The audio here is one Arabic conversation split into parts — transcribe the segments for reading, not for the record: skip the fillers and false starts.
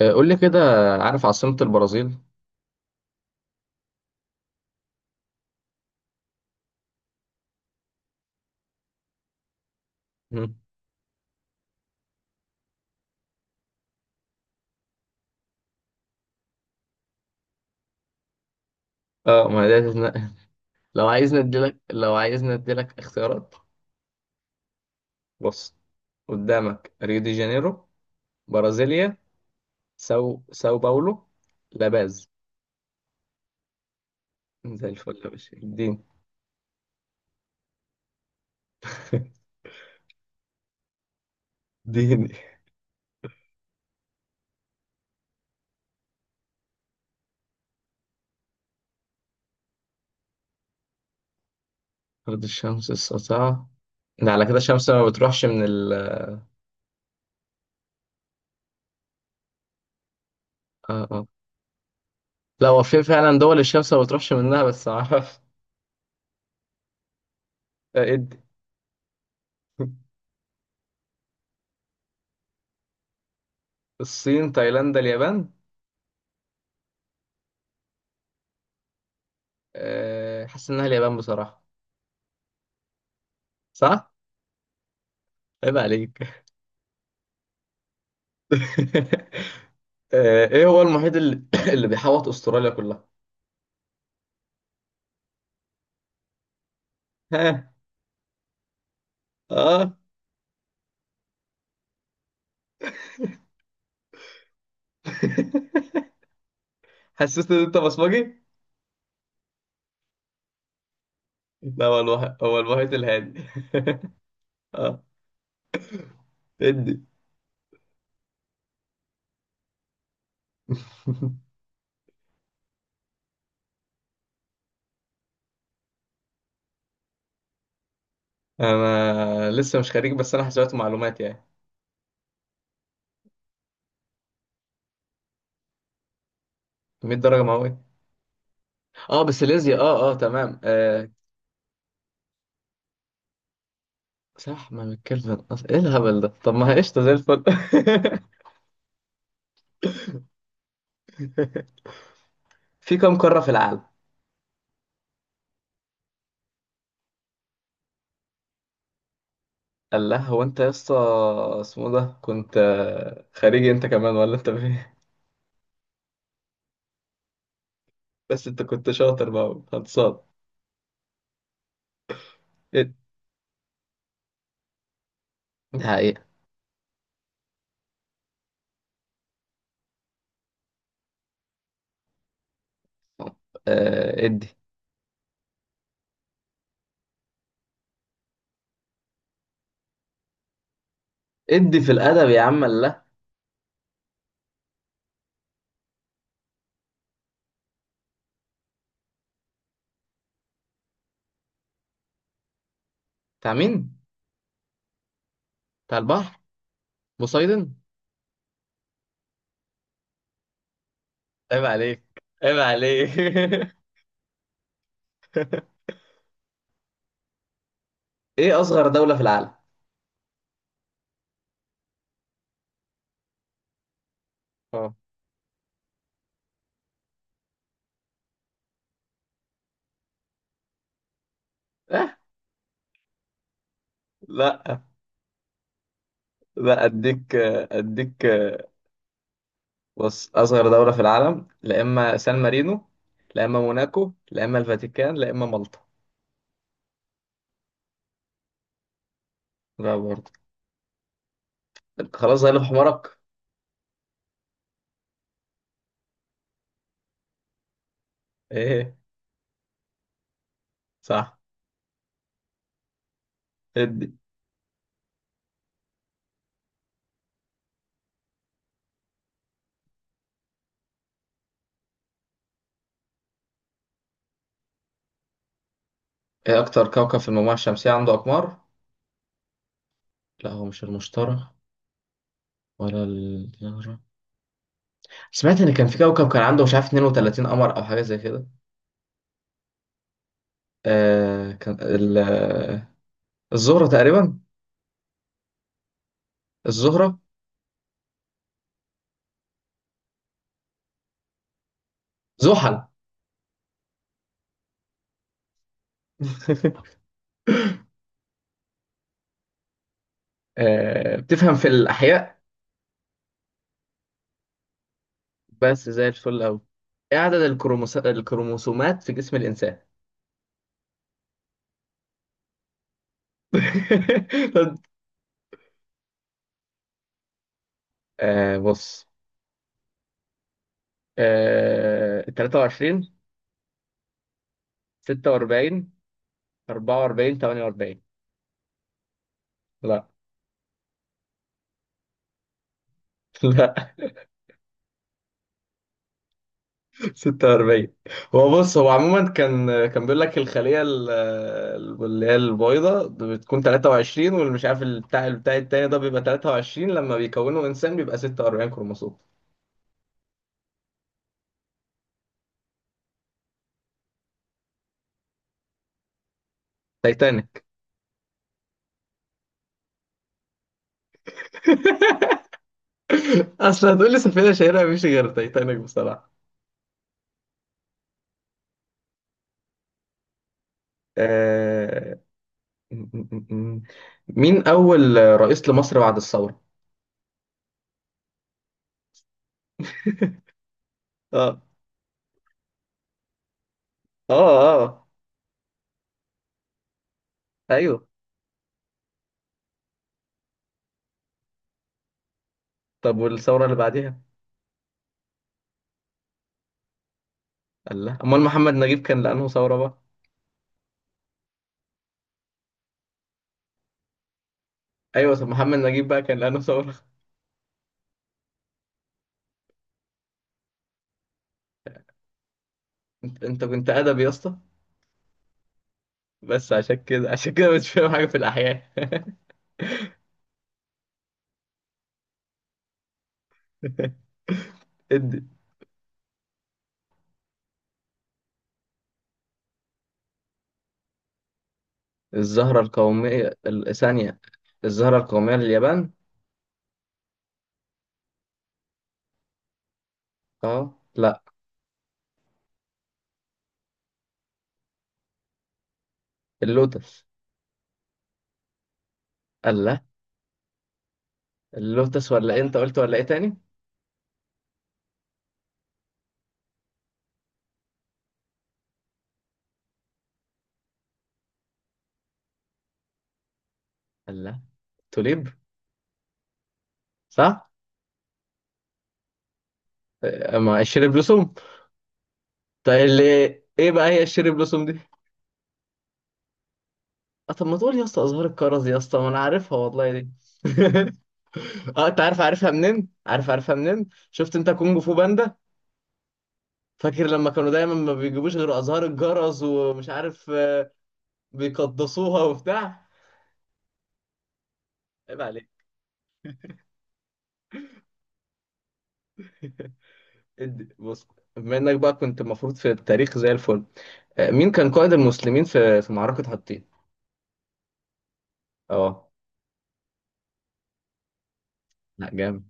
قول لي كده. عارف عاصمة البرازيل؟ مم. اه، ما ده تتنقل. لو عايزني اديلك لو عايزني اديلك اختيارات. بص، قدامك ريو دي جانيرو، برازيليا، ساو باولو، لاباز. زي الفل يا باشا. الدين. دين. أرض الشمس الساطعة؟ ده على كده الشمس ما بتروحش من اه، اه. لا، هو في فعلا دول الشمس ما بتروحش منها، بس ما اعرفش. آه، ادي. الصين، تايلاند، اليابان. حاسس انها اليابان بصراحة. صح؟ عيب عليك. ايه هو المحيط اللي, اللي بيحوط استراليا كلها؟ ها. اه. حسيت ان انت بصمجي. لا، هو هو المحيط الهادي. اه، ادي. انا لسه مش خريج، بس انا حسابات معلومات يعني. 100 درجه مئويه. اه بس ليزيا، اه اه تمام صح، ما من كلفن، ايه الهبل ده؟ طب ما هي قشطه، زي الفل. في كم قاره في العالم؟ قال لها هو انت يا اسطى. اسمه ده كنت خارجي، انت كمان ولا انت فين؟ بس انت كنت شاطر بقى، خلصان. اد- دي حقيقة. آه، ادي. ادي في الادب يا عم الله. بتاع مين؟ بتاع البحر. بوسايدن. عيب عليك، عيب عليك. ايه اصغر دولة في العالم؟ اه اه. لا لا، اديك اديك. بص، اصغر دولة في العالم. لا اما سان مارينو، لا اما موناكو، لا اما الفاتيكان، لا اما مالطا. لا برضه. خلاص، غلب حمارك. ايه؟ صح. ادي. ايه اكتر كوكب في المجموعة الشمسية عنده اقمار؟ لا، هو مش المشتري ولا الزهرة. سمعت ان كان في كوكب كان عنده، مش عارف، 32 قمر او حاجة زي كده. آه كان ال- آه، الزهرة تقريبا. الزهرة. زحل. آه، بتفهم في الاحياء؟ بس زي الفل اوي. ايه عدد الكروموسومات في جسم الانسان؟ بص. 23. 46. 44. 48. لا. لا. 46. هو بص، هو عموما كان بيقول لك الخلية اللي هي البيضة بتكون 23، والمش عارف البتاع التاني ده بيبقى 23، لما بيكونوا إنسان بيبقى 46 كروموسوم. تايتانيك. أصل هتقولي سفينة شهيرة مفيش غير تايتانيك بصراحة. آه... مين أول رئيس لمصر بعد الثورة؟ اه اه اه. ايوه. طب والثورة اللي بعديها؟ الله، أمال محمد نجيب كان لأنه ثورة بقى. ايوه، طب محمد نجيب بقى كان لانه ثوره. انت كنت ادبي يا اسطى. بس عشان كده عشان كده مش فاهم حاجه في الاحياء. ادي. الزهره القوميه ثانيه. الزهره القوميه لليابان. اه، لا. اللوتس. الله. اللوتس ولا إيه؟ انت قلت ولا ايه تاني؟ الله. توليب. صح. ما الشيري بلوسوم. طيب اللي. ايه بقى هي الشيري بلوسوم دي؟ اه، طب ما تقول يا اسطى ازهار الكرز يا اسطى، ما انا عارفها والله دي. اه، انت عارف عارفها منين عارف عارفها منين؟ شفت انت كونج فو باندا؟ فاكر لما كانوا دايما ما بيجيبوش غير ازهار الجرس ومش عارف بيقدسوها وبتاع. عيب عليك. ادي. بص، بما انك بقى كنت المفروض في التاريخ زي الفل، مين كان قائد المسلمين في معركة حطين؟ اه. لا، جامد.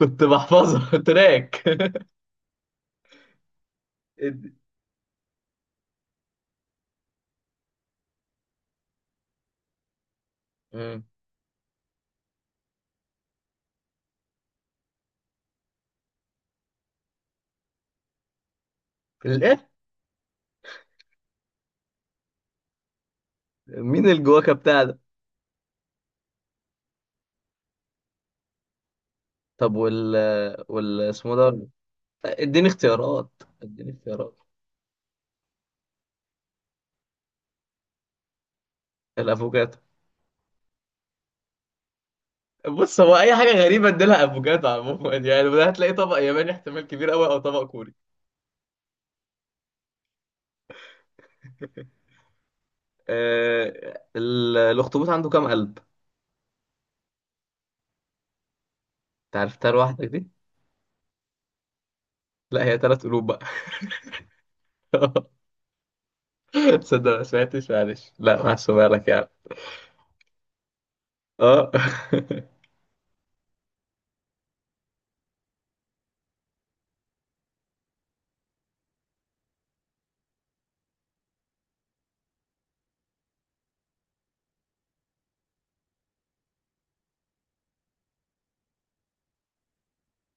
كنت بحفظها. تراك. ادي. مم. الايه؟ مين الجواكة بتاع ده؟ طب وال اسمه ده. اديني اختيارات، اديني اختيارات. الافوكاتو. بص، هو اي حاجه غريبه اديلها افوكادو عموما. يعني وده هتلاقي طبق ياباني احتمال كبير قوي او طبق كوري. الاخطبوط عنده كام قلب؟ انت عرفتها لوحدك دي. لا، هي ثلاث قلوب بقى. تصدق ما سمعتش، معلش، لا محسوبه لك يعني. اه.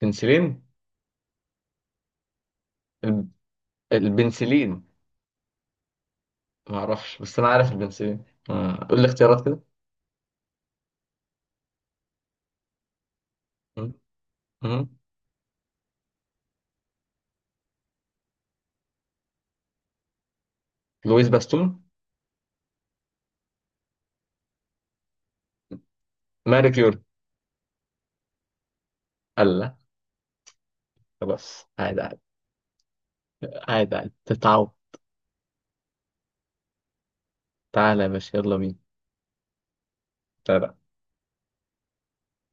بنسلين. الب- البنسلين. ما اعرفش، بس انا عارف البنسلين. آه، قول لي اختيارات كده. م- م- لويس باستون. ماري كيوري. الله. خلاص، عادي عادي. عادي عادي تتعود. تعالى يا باشا، يلا بينا.